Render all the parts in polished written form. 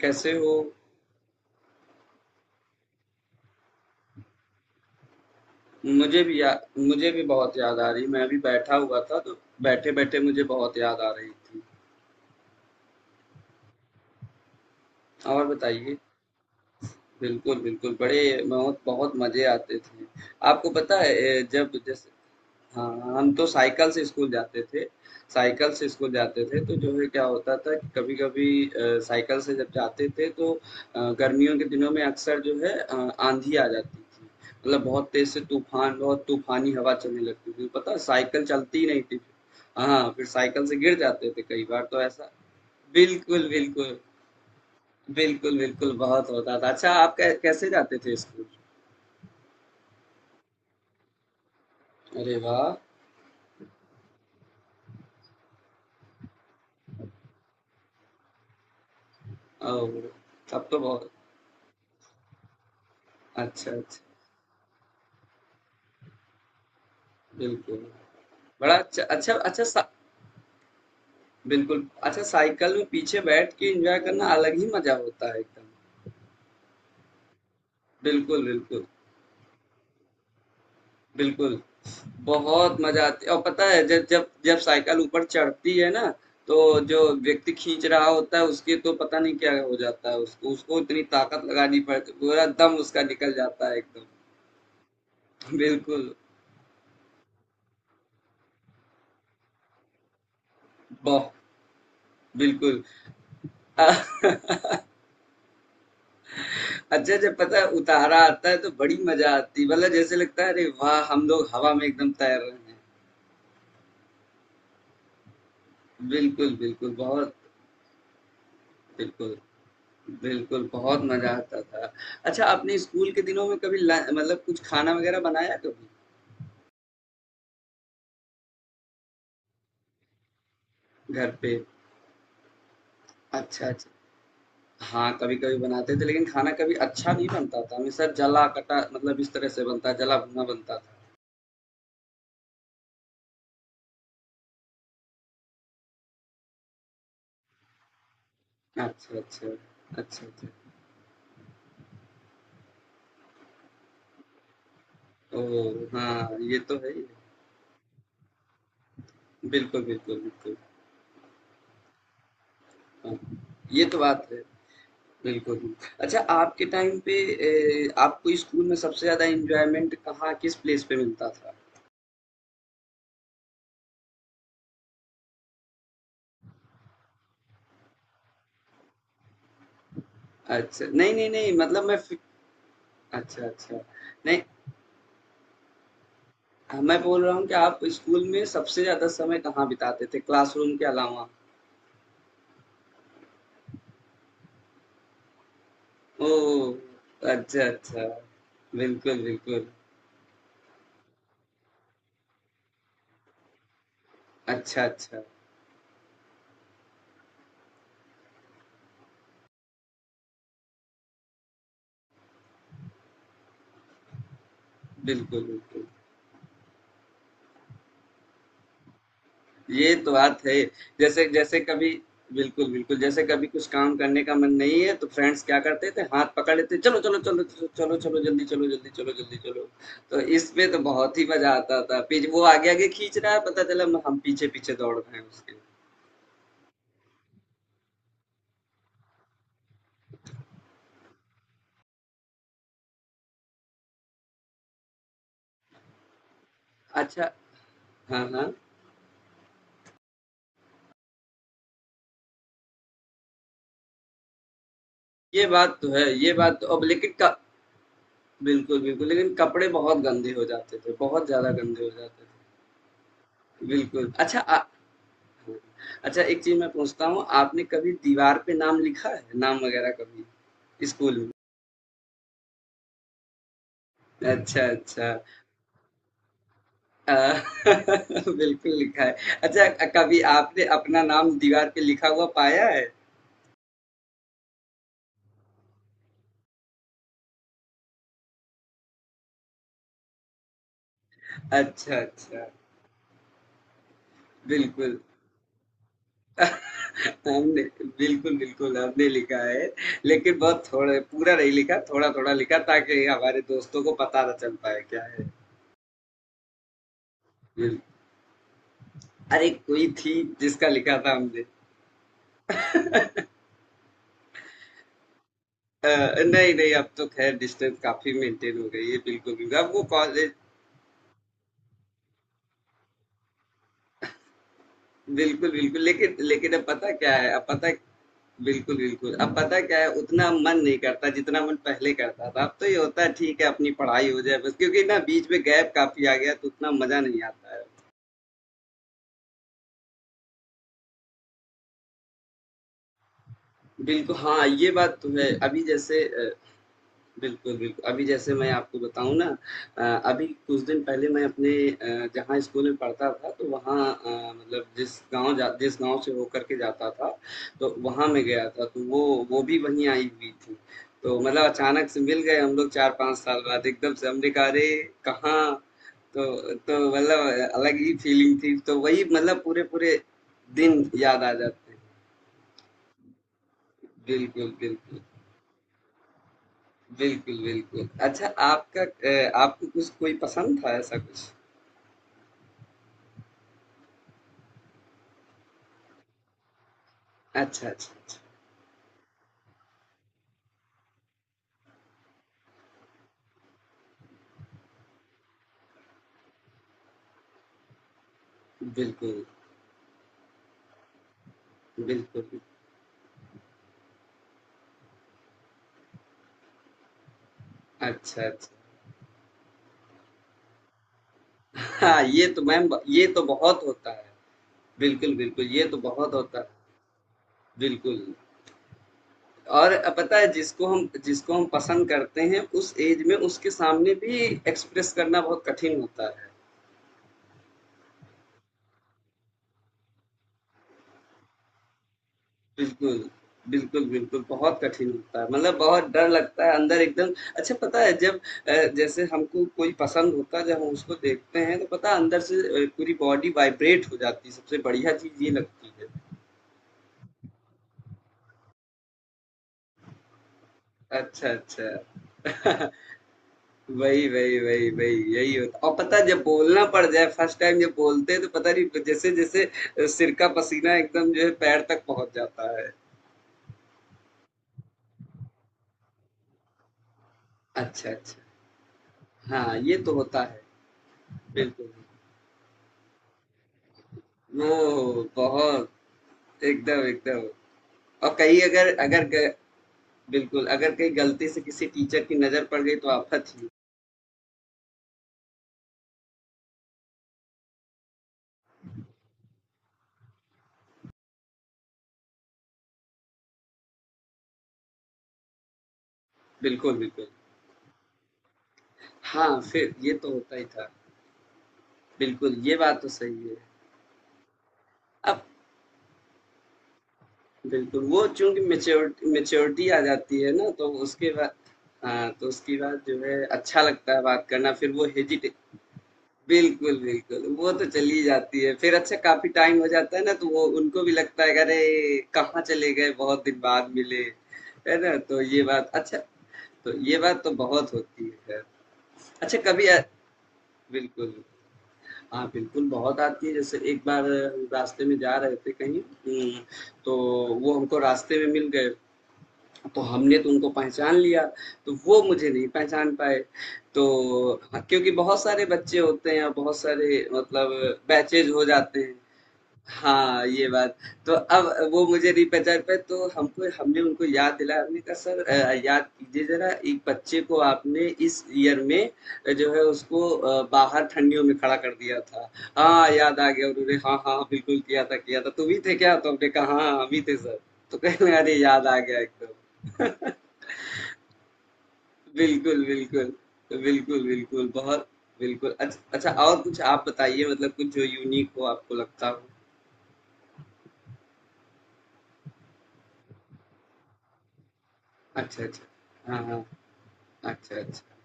कैसे हो? मुझे भी या मुझे भी बहुत याद आ रही। मैं भी बैठा हुआ था तो बैठे-बैठे मुझे बहुत याद आ रही थी। और बताइए? बिल्कुल, बिल्कुल बड़े बहुत बहुत मज़े आते थे। आपको पता है जब जैसे हाँ, हम तो साइकिल से स्कूल जाते थे। साइकिल से स्कूल जाते थे, तो जो है क्या होता था कि कभी-कभी साइकिल से जब जाते थे तो गर्मियों के दिनों में अक्सर जो है आँधी आ जाती थी। मतलब बहुत तेज़ से तूफ़ान बहुत तूफ़ानी हवा चलने लगती थी। पता है साइकिल चलती ही नहीं थी। हाँ, फिर साइकिल से गिर जाते थे कई बार तो ऐसा बिल्कुल, बिल्कुल। बिल्कुल, बिल्कुल बहुत होता था। अच्छा आप कै कैसे जाते थे स्कूल? अरे वाह! ओह! तब तो बहुत अच्छा, अच्छा। बिल्कुल। बड़ा अच्छा अच्छा अच्छा सा बिल्कुल। अच्छा साइकिल में पीछे बैठ के एन्जॉय करना अलग ही मज़ा होता है एकदम। बिल्कुल, बिल्कुल। बिल्कुल, बहुत मज़ा आती है और पता है जब जब जब साइकिल ऊपर चढ़ती है ना, तो जो व्यक्ति खींच रहा होता है उसके तो पता नहीं क्या हो जाता है उसको इतनी ताकत लगानी पड़ती पूरा दम उसका निकल जाता है एकदम। बिल्कुल, बह बिल्कुल। अ- अच्छा जब पता है उतारा आता है तो बड़ी मज़ा आती है मतलब जैसे लगता है अरे वाह! हम लोग हवा में एकदम तैर रहे हैं। बिल्कुल, बिल्कुल, बहुत बिल्कुल, बिल्कुल, बहुत मज़ा आता था। अच्छा, आपने स्कूल के दिनों में कभी ला मतलब कुछ खाना वग़ैरह बनाया कभी घर पे? अच्छा, अच्छा। हाँ, कभी-कभी बनाते थे, लेकिन खाना कभी अच्छा नहीं बनता था, हमेशा जला-कटा मतलब इस तरह से बनता, जला-भुना बनता था। अच्छा, अच्छा। अच्छा, अच्छा। ओह! हाँ, ये तो है ही है। बिल्कुल, बिल्कुल, बिल्कुल। हाँ, ये तो बात है। बिल्कुल। अच्छा आपके टाइम पे आपको स्कूल में सबसे ज़्यादा एन्जॉयमेंट कहाँ किस प्लेस पे मिलता था? अच्छा, नहीं, नहीं, नहीं मतलब मैं फ़ि अच्छा, अच्छा। नहीं, मैं बोल रहा हूँ कि आप स्कूल में सबसे ज़्यादा समय कहाँ बिताते थे क्लासरूम के अलावा? ओह! अच्छा, अच्छा। बिल्कुल, बिल्कुल। अच्छा, अच्छा। बिल्कुल, बिल्कुल। ये तो बात है। जैसे जैसे कभी बिल्कुल, बिल्कुल, जैसे कभी कुछ काम करने का मन नहीं है तो फ्रेंड्स क्या करते थे, हाथ पकड़ लेते, "चलो, चलो, चलो, चलो, चलो, चलो, जल्दी चलो, जल्दी चलो, जल्दी चलो।" तो इसमें तो बहुत ही मज़ा आता था। फिर वो आगे-आगे खींच रहा है, पता चला म हम पीछे-पीछे दौड़ रहे हैं उसके। अच्छा हाँ, हाँ। ये बात तो है, ये बात तो अब लेकिन क बिल्कुल, बिल्कुल, लेकिन कपड़े बहुत गंदे हो जाते थे, बहुत ज़्यादा गंदे हो जाते थे। बिल्कुल। अच्छा आ अच्छा एक चीज़ मैं पूछता हूँ, आपने कभी दीवार पे नाम लिखा है? नाम वग़ैरह कभी स्कूल में? अच्छा, अच्छा। अ, बिल्कुल लिखा है। अच्छा कभी आपने अपना नाम दीवार पे लिखा हुआ पाया है? अच्छा, अच्छा। बिल्कुल। हमने बिल्कुल, बिल्कुल हमने लिखा है, लेकिन बहुत थोड़े पूरा नहीं लिखा, थोड़ा-थोड़ा लिखा ताकि हमारे दोस्तों को पता ना चल पाए क्या है। बिल अरे कोई थी जिसका लिखा था हमने। नहीं, नहीं, अब तो ख़ैर डिस्टेंस काफ़ी मेंटेन हो गई है, बिल्कुल, बिल्कुल। अब वो कॉलेज बिल्कुल, बिल्कुल, लेकिन लेकिन अब पता क्या है, अब पता बिल्कुल, बिल्कुल। अब पता क्या है, उतना मन नहीं करता, जितना मन पहले करता था। अब तो ये होता है, ठीक है, अपनी पढ़ाई हो जाए बस, क्योंकि ना बीच में गैप काफ़ी आ गया, तो उतना मज़ा नहीं आता है। बिल्कुल, हाँ, ये बात तो है। अभी जैसे अ बिल्कुल, बिल्कुल। अभी जैसे मैं आपको बताऊँ ना अ, अभी कुछ दिन पहले मैं अपने जहाँ स्कूल में पढ़ता था तो वहाँ मतलब जिस गाँव से होकर के जाता था, तो वहाँ मैं गया था तो वो भी वहीं आई हुई थी। तो मतलब अचानक से मिल गए हम लोग 4-5 साल बाद एकदम से हमने कहा अरे! कहाँ? तो मतलब अलग ही फीलिंग थी। तो वही मतलब पूरे-पूरे दिन याद आ जाते हैं। बिल्कुल, बिल्कुल। बिल्कुल, बिल्कुल। अच्छा आपका आपको कुछ कोई पसंद था ऐसा कुछ? अच्छा, अच्छा, अच्छा। बिल्कुल, बिल्कुल। अच्छा, अच्छा। हाँ, ये तो मैम ब ये तो बहुत होता है। बिल्कुल, बिल्कुल, ये तो बहुत होता है। बिल्कुल। और पता है जिसको हम पसंद करते हैं, उस ऐज में उसके सामने भी एक्सप्रेस करना बहुत कठिन होता है। बिल्कुल, बिल्कुल, बिल्कुल, बहुत कठिन होता है, मतलब बहुत डर लगता है अंदर एकदम अच्छा पता है जब अ, जैसे हमको कोई पसंद होता है, जब हम उसको देखते हैं तो पता है अंदर से पूरी बॉडी वाइब्रेट हो जाती है, सबसे बढ़िया चीज़ ये लगती है। अच्छा, अच्छा। वही, वही, वही, वही, यही होता और पता है जब बोलना पड़ जाए फर्स्ट टाइम जब बोलते हैं तो पता नहीं जैसे-जैसे सिर का पसीना एकदम जो है पैर तक पहुँच जाता है। अच्छा, अच्छा। हाँ, ये तो होता है। बिल्कुल। ओह! बहुत एकदम, एकदम। और कहीं अगर अगर ग बिल्कुल, अगर कहीं गलती से किसी टीचर की नज़र पड़ गई तो आफ़त ही। बिल्कुल, बिल्कुल। हाँ, फिर ये तो होता ही था। बिल्कुल, ये बात तो सही है। अब बिल्कुल, वो चूँकि मैच्योरिटी आ जाती है ना, तो उसके बाद हाँ, तो उसके बाद जो है अच्छा लगता है बात करना, फिर वो हेजिटे बिल्कुल, बिल्कुल, वो तो चली जाती है। फिर अच्छा काफ़ी टाइम हो जाता है ना, तो वो उनको भी लगता है कि अरे! कहाँ चले गए, बहुत दिन बाद मिले। है ना? तो ये बात अच्छा, तो ये बात तो बहुत होती है। अच्छा कभी अ बिल्कुल। हाँ, बिल्कुल बहुत आती है। जैसे एक बार हम रास्ते में जा रहे थे कहीं तो वो हमको रास्ते में मिल गए। तो हमने तो उनको पहचान लिया, तो वो मुझे नहीं पहचान पाए। तो हाँ, क्योंकि बहुत सारे बच्चे होते हैं और बहुत सारे मतलब बैचेज़ हो जाते हैं। हाँ, ये बात। तो अब वो मुझे नहीं पहचान पाए तो हमको हमने उनको याद दिलाया, हमने कहा सर याद कीजिए ज़रा एक बच्चे को आपने इस ईयर में जो है उसको बाहर ठंडियों में खड़ा कर दिया था। हाँ, याद आ गया उन्होंने हाँ, हाँ, बिल्कुल किया था, किया था। तुम ही थे क्या? तो हमने कहा हाँ, हम ही थे सर। तो कहने लगे अरे याद आ गया एकदम। बिल्कुल, बिल्कुल। बिल्कुल, बिल्कुल, बहुत बिल्कुल। अच्छा और कुछ आप बताइए मतलब कुछ जो यूनिक हो आपको लगता हो? अच्छा, अच्छा। हाँ, हाँ। अच्छा, अच्छा।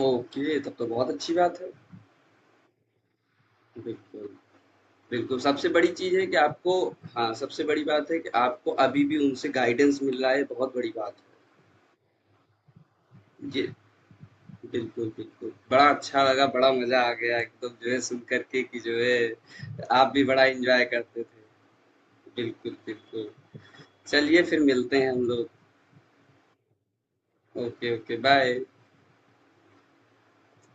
ओके, तब तो बहुत अच्छी बात है। बिल्कुल, बिल्कुल। सबसे बड़ी चीज़ है कि आपको हाँ, सबसे बड़ी बात है कि आपको अभी भी उनसे गाइडेंस मिल रहा है, बहुत बड़ी बात है। जी, बिल्कुल, बिल्कुल। बड़ा अच्छा लगा, बड़ा मज़ा आ गया एकदम जो है सुन कर के कि जो है आप भी बड़ा एन्जॉय करते थे। बिल्कुल, बिल्कुल। चलिए फिर मिलते हैं हम लोग ओके ओके बाय